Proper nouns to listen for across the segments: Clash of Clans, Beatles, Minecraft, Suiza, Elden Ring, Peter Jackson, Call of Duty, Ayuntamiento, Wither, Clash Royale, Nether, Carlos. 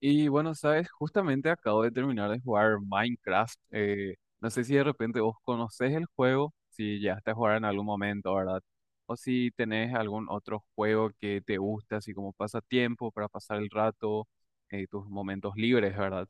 Y bueno, sabes, justamente acabo de terminar de jugar Minecraft. No sé si de repente vos conocés el juego, si llegaste a jugar en algún momento, ¿verdad? O si tenés algún otro juego que te guste, así como pasatiempo para pasar el rato, tus momentos libres, ¿verdad?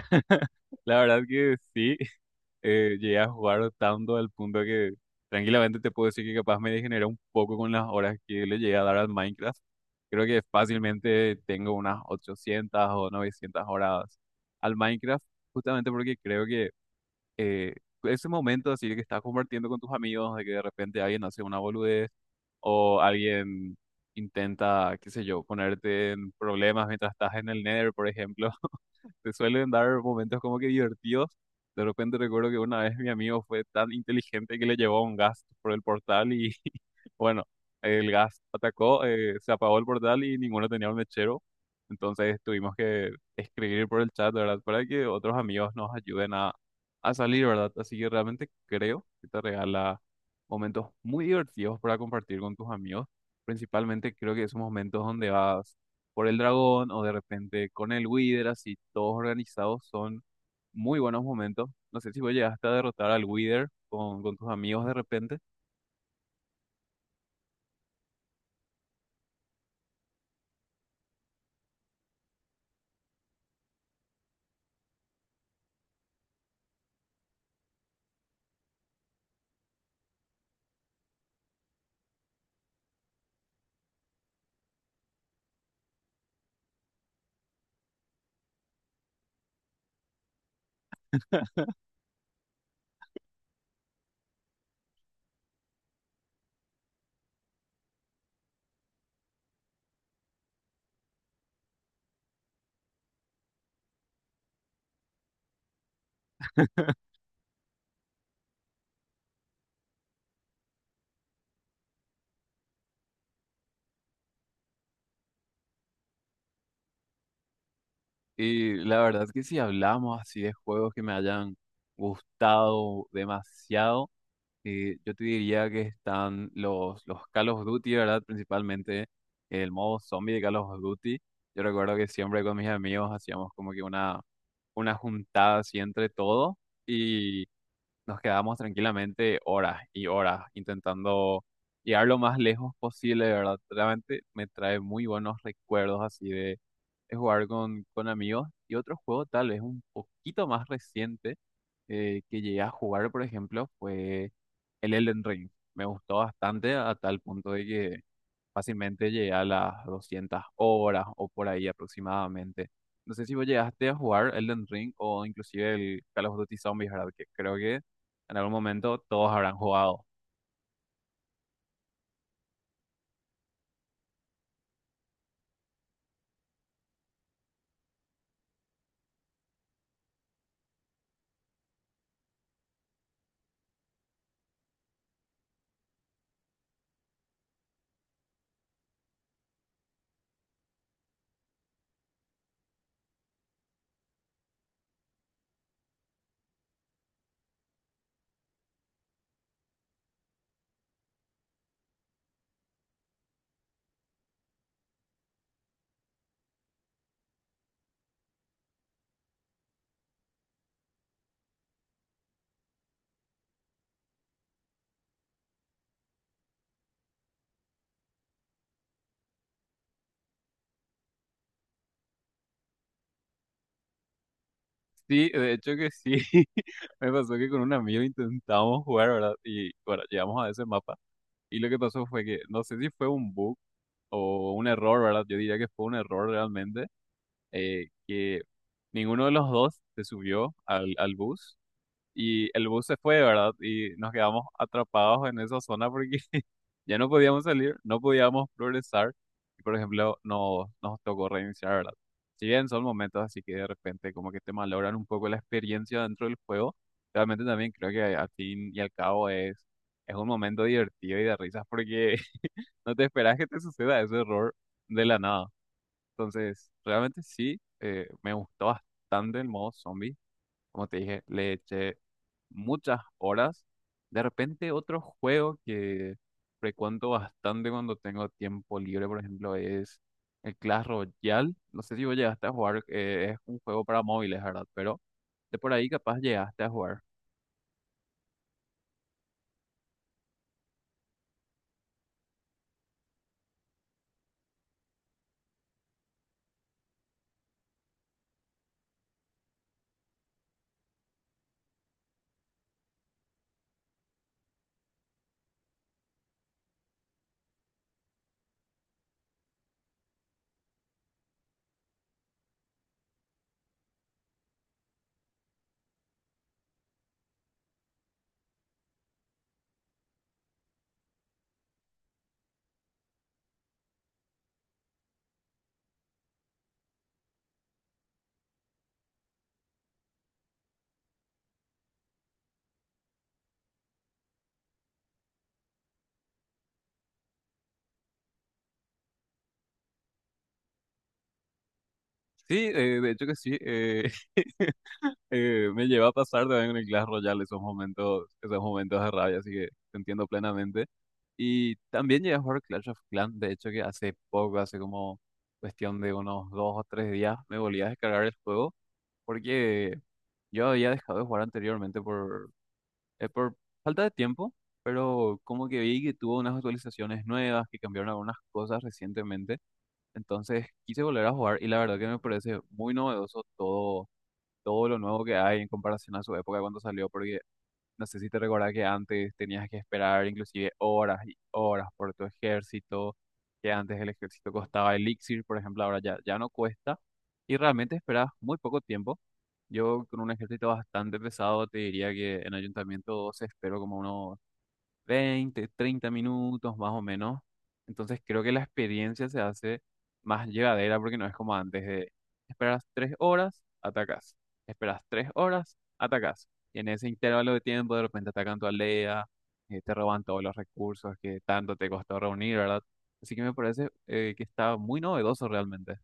La verdad que sí. Llegué a jugar tanto al punto que tranquilamente te puedo decir que capaz me degeneré un poco con las horas que le llegué a dar al Minecraft. Creo que fácilmente tengo unas 800 o 900 horas al Minecraft, justamente porque creo que eh, ese momento así que estás compartiendo con tus amigos, de que de repente alguien hace una boludez o alguien intenta, qué sé yo, ponerte en problemas mientras estás en el Nether, por ejemplo. Te suelen dar momentos como que divertidos. De repente recuerdo que una vez mi amigo fue tan inteligente que le llevó un gas por el portal y bueno, el gas atacó, se apagó el portal y ninguno tenía un mechero. Entonces tuvimos que escribir por el chat, ¿verdad? Para que otros amigos nos ayuden a salir, ¿verdad? Así que realmente creo que te regala momentos muy divertidos para compartir con tus amigos. Principalmente creo que esos momentos donde vas por el dragón o de repente con el Wither, así todos organizados son muy buenos momentos. No sé si vos llegaste a derrotar al Wither con tus amigos de repente. Y la verdad que si hablamos así de juegos que me hayan gustado demasiado, yo te diría que están los Call of Duty, ¿verdad? Principalmente el modo zombie de Call of Duty. Yo recuerdo que siempre con mis amigos hacíamos como que una juntada así entre todos. Y nos quedamos tranquilamente horas y horas intentando llegar lo más lejos posible, de ¿verdad? Realmente me trae muy buenos recuerdos así de jugar con amigos y otro juego tal vez un poquito más reciente que llegué a jugar, por ejemplo, fue el Elden Ring. Me gustó bastante a tal punto de que fácilmente llegué a las 200 horas o por ahí aproximadamente. No sé si vos llegaste a jugar Elden Ring o inclusive el Call of Duty Zombies, ¿verdad? Que creo que en algún momento todos habrán jugado. Sí, de hecho que sí. Me pasó que con un amigo intentamos jugar, ¿verdad? Y bueno, llegamos a ese mapa. Y lo que pasó fue que, no sé si fue un bug o un error, ¿verdad? Yo diría que fue un error realmente, que ninguno de los dos se subió al bus. Y el bus se fue, ¿verdad? Y nos quedamos atrapados en esa zona porque ya no podíamos salir, no podíamos progresar. Y por ejemplo, nos tocó reiniciar, ¿verdad? Si bien son momentos así que de repente como que te malogran un poco la experiencia dentro del juego, realmente también creo que al fin y al cabo es un momento divertido y de risas porque no te esperas que te suceda ese error de la nada. Entonces, realmente sí, me gustó bastante el modo zombie como te dije, le eché muchas horas. De repente otro juego que frecuento bastante cuando tengo tiempo libre, por ejemplo, es el Clash Royale. No sé si vos llegaste a jugar, es un juego para móviles, ¿verdad? Pero de por ahí capaz llegaste a jugar. Sí, de hecho que sí. Me lleva a pasar también en el Clash Royale esos momentos de rabia, así que te entiendo plenamente. Y también llegué a jugar Clash of Clans, de hecho que hace poco, hace como cuestión de unos dos o tres días, me volví a descargar el juego porque yo había dejado de jugar anteriormente por falta de tiempo, pero como que vi que tuvo unas actualizaciones nuevas, que cambiaron algunas cosas recientemente, entonces quise volver a jugar y la verdad que me parece muy novedoso todo todo lo nuevo que hay en comparación a su época cuando salió, porque no sé si te recordás que antes tenías que esperar inclusive horas y horas por tu ejército, que antes el ejército costaba elixir, por ejemplo, ahora ya no cuesta, y realmente esperas muy poco tiempo. Yo con un ejército bastante pesado te diría que en Ayuntamiento 2 espero como unos 20, 30 minutos más o menos. Entonces creo que la experiencia se hace más llevadera porque no es como antes de esperas 3 horas, atacas. Esperas 3 horas, atacas. Y en ese intervalo de tiempo de repente atacan tu aldea, te roban todos los recursos que tanto te costó reunir, ¿verdad? Así que me parece que está muy novedoso realmente.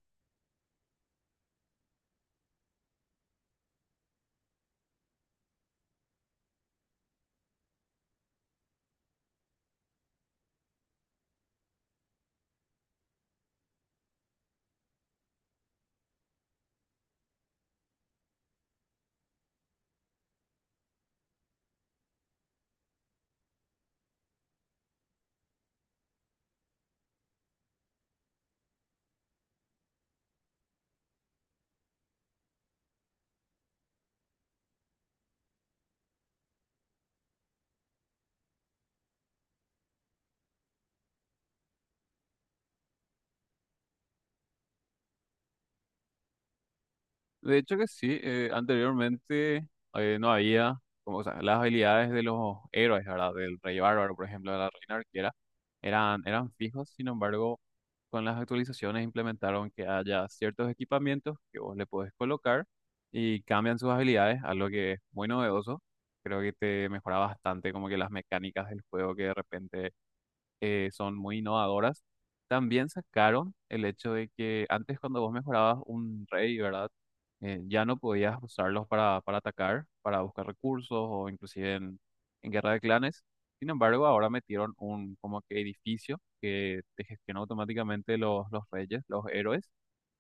De hecho que sí, anteriormente no había como, o sea, las habilidades de los héroes, ¿verdad? Del rey bárbaro, por ejemplo, de la reina arquera, eran fijos, sin embargo, con las actualizaciones implementaron que haya ciertos equipamientos que vos le podés colocar y cambian sus habilidades, algo que es muy novedoso. Creo que te mejora bastante como que las mecánicas del juego que de repente son muy innovadoras. También sacaron el hecho de que antes cuando vos mejorabas un rey, ¿verdad? Ya no podías usarlos para atacar, para buscar recursos o inclusive en guerra de clanes. Sin embargo, ahora metieron un como que edificio que te gestiona automáticamente los reyes, los héroes.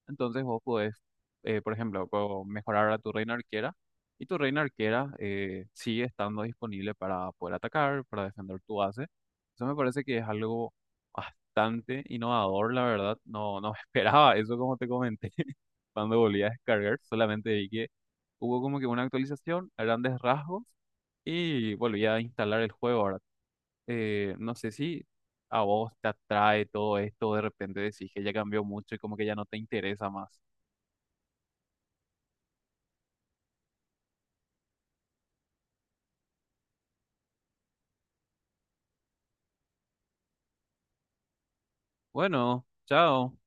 Entonces vos podés, por ejemplo, puedo mejorar a tu reina arquera y tu reina arquera sigue estando disponible para poder atacar, para defender tu base. Eso me parece que es algo bastante innovador, la verdad. No, esperaba eso como te comenté cuando volví a descargar. Solamente vi que hubo como que una actualización a grandes rasgos y volví a instalar el juego ahora. No sé si a vos te atrae todo esto, de repente decís que ya cambió mucho y como que ya no te interesa más. Bueno, chao.